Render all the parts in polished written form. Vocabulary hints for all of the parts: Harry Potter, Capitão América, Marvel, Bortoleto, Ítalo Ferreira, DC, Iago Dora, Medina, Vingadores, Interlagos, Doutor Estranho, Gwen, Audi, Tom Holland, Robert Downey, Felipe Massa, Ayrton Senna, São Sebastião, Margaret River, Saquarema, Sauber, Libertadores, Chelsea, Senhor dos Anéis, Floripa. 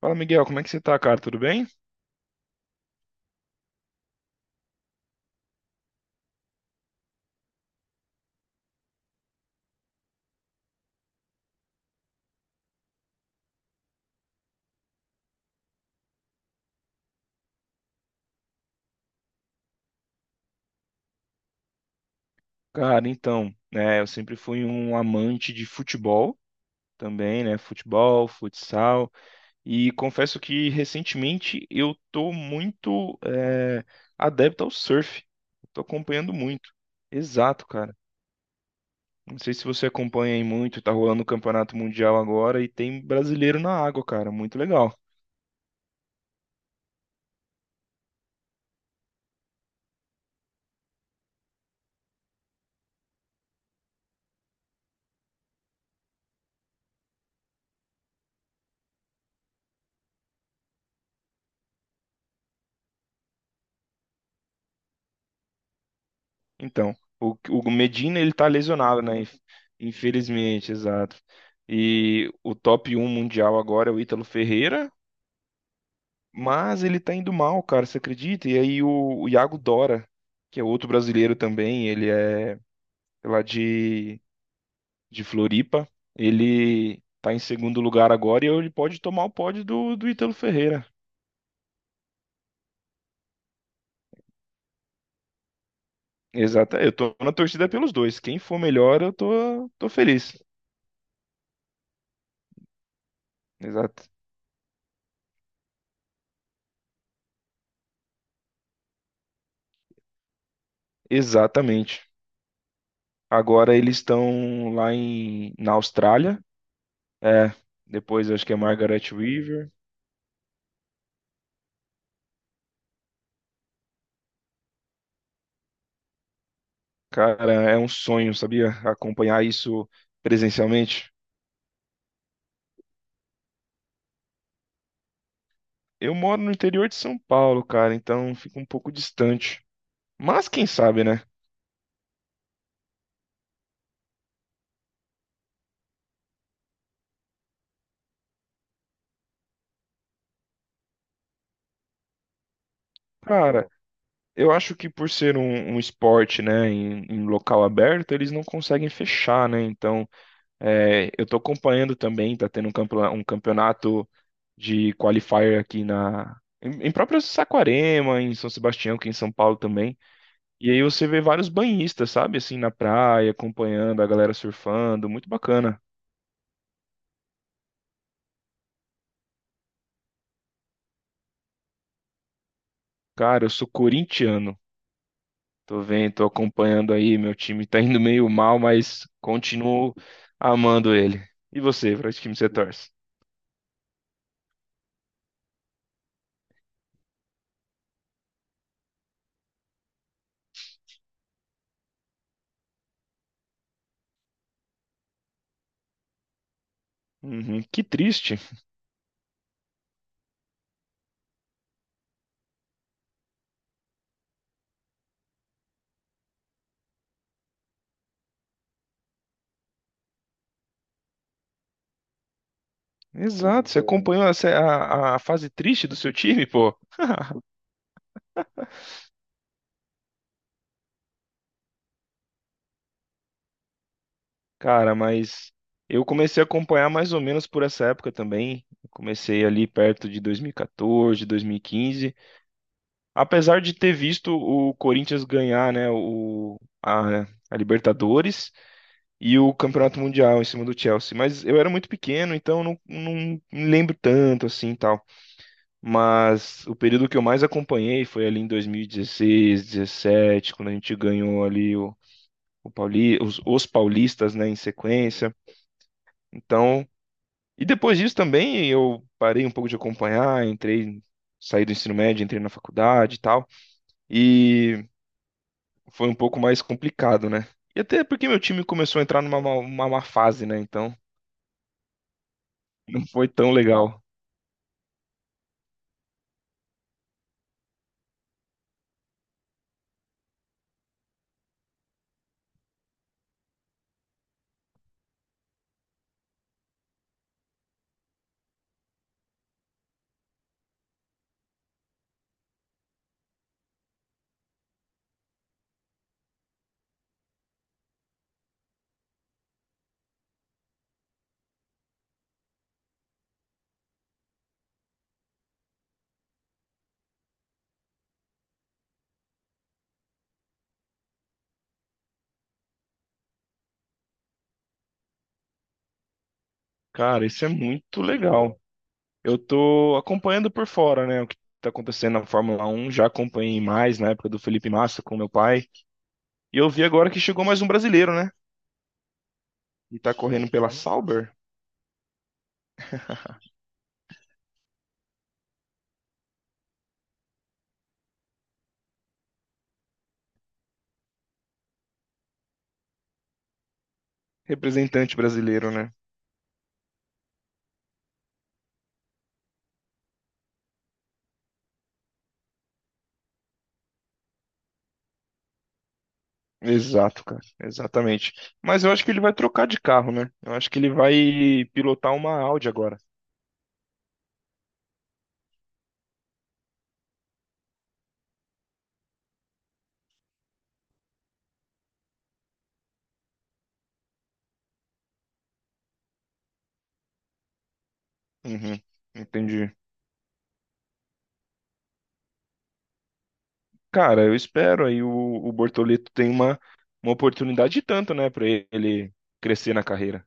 Fala, Miguel, como é que você tá, cara? Tudo bem? Cara, então, né, eu sempre fui um amante de futebol também, né? Futebol, futsal, e confesso que recentemente eu tô muito adepto ao surf. Tô acompanhando muito. Exato, cara. Não sei se você acompanha aí muito, tá rolando o Campeonato Mundial agora e tem brasileiro na água, cara. Muito legal. Então, o Medina ele tá lesionado, né? Infelizmente, exato. E o top um mundial agora é o Ítalo Ferreira, mas ele tá indo mal, cara, você acredita? E aí o Iago Dora, que é outro brasileiro também, ele é lá de Floripa, ele tá em segundo lugar agora e ele pode tomar o pódio do Ítalo Ferreira. Exato, eu tô na torcida pelos dois. Quem for melhor, eu tô feliz. Exato. Exatamente. Agora eles estão lá na Austrália. É, depois acho que é Margaret River. Cara, é um sonho, sabia? Acompanhar isso presencialmente. Eu moro no interior de São Paulo, cara, então fica um pouco distante. Mas quem sabe, né? Cara, eu acho que por ser um esporte, né, em local aberto, eles não conseguem fechar, né? Então, é, eu estou acompanhando também, está tendo um campeonato de qualifier aqui em próprio Saquarema, em São Sebastião, aqui em São Paulo também. E aí você vê vários banhistas, sabe, assim na praia, acompanhando a galera surfando, muito bacana. Cara, eu sou corintiano. Tô vendo, tô acompanhando aí, meu time tá indo meio mal, mas continuo amando ele. E você, para que time você torce? Uhum, que triste. Exato, você acompanhou a, a fase triste do seu time, pô. Cara, mas eu comecei a acompanhar mais ou menos por essa época também. Eu comecei ali perto de dois mil e quatorze, 2015. Apesar de ter visto o Corinthians ganhar, né, a Libertadores e o Campeonato Mundial em cima do Chelsea. Mas eu era muito pequeno, então não, não me lembro tanto assim e tal. Mas o período que eu mais acompanhei foi ali em 2016, 2017, quando a gente ganhou ali os paulistas, né, em sequência. Então. E depois disso também eu parei um pouco de acompanhar, entrei, saí do ensino médio, entrei na faculdade e tal. E foi um pouco mais complicado, né? E até porque meu time começou a entrar uma má fase, né? Então não foi tão legal. Cara, isso é muito legal. Eu tô acompanhando por fora, né? O que tá acontecendo na Fórmula 1. Já acompanhei mais na época do Felipe Massa com meu pai. E eu vi agora que chegou mais um brasileiro, né? E tá correndo pela Sauber, representante brasileiro, né? Exato, cara. Exatamente. Mas eu acho que ele vai trocar de carro, né? Eu acho que ele vai pilotar uma Audi agora. Uhum. Entendi. Cara, eu espero aí o Bortoleto tem uma oportunidade e tanto, né, pra ele crescer na carreira.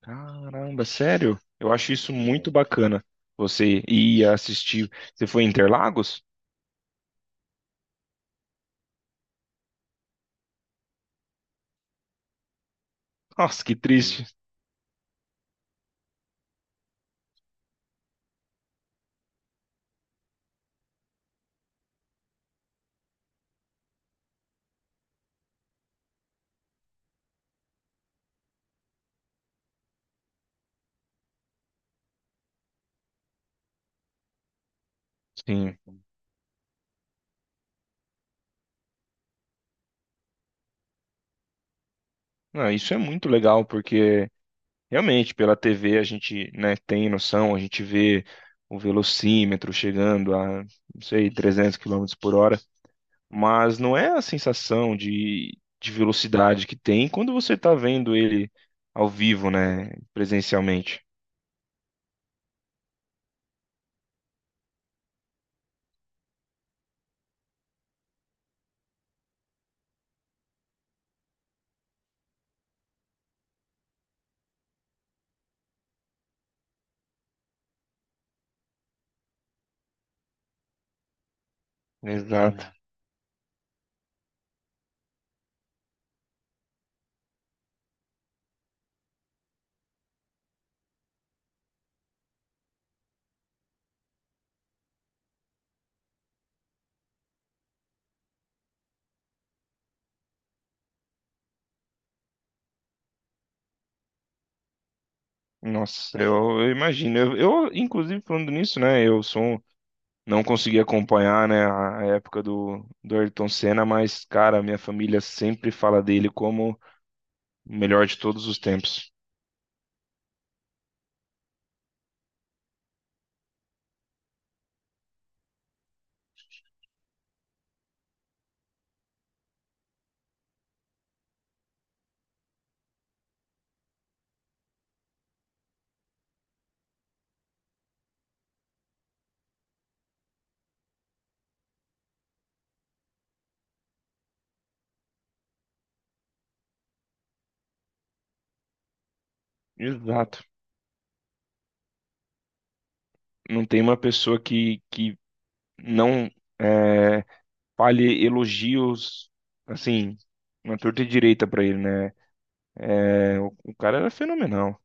Caramba, sério? Eu acho isso muito bacana. Você ir assistir. Você foi em Interlagos? Nossa, que triste. Sim. Ah, isso é muito legal, porque realmente, pela TV a gente, né, tem noção, a gente vê o velocímetro chegando a, não sei, 300 quilômetros por hora, mas não é a sensação de velocidade que tem quando você está vendo ele ao vivo, né, presencialmente. Exato. Nossa, eu imagino. Eu, inclusive, falando nisso, né, eu sou, não consegui acompanhar, né, a época do Ayrton Senna, mas, cara, minha família sempre fala dele como o melhor de todos os tempos. Exato. Não tem uma pessoa que não é, fale elogios, assim, na torta e direita pra ele, né? É, o cara era fenomenal.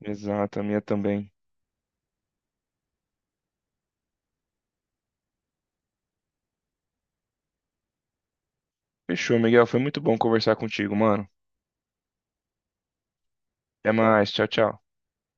Exato, a minha também. Fechou, Miguel. Foi muito bom conversar contigo, mano. Até mais. Tchau, tchau.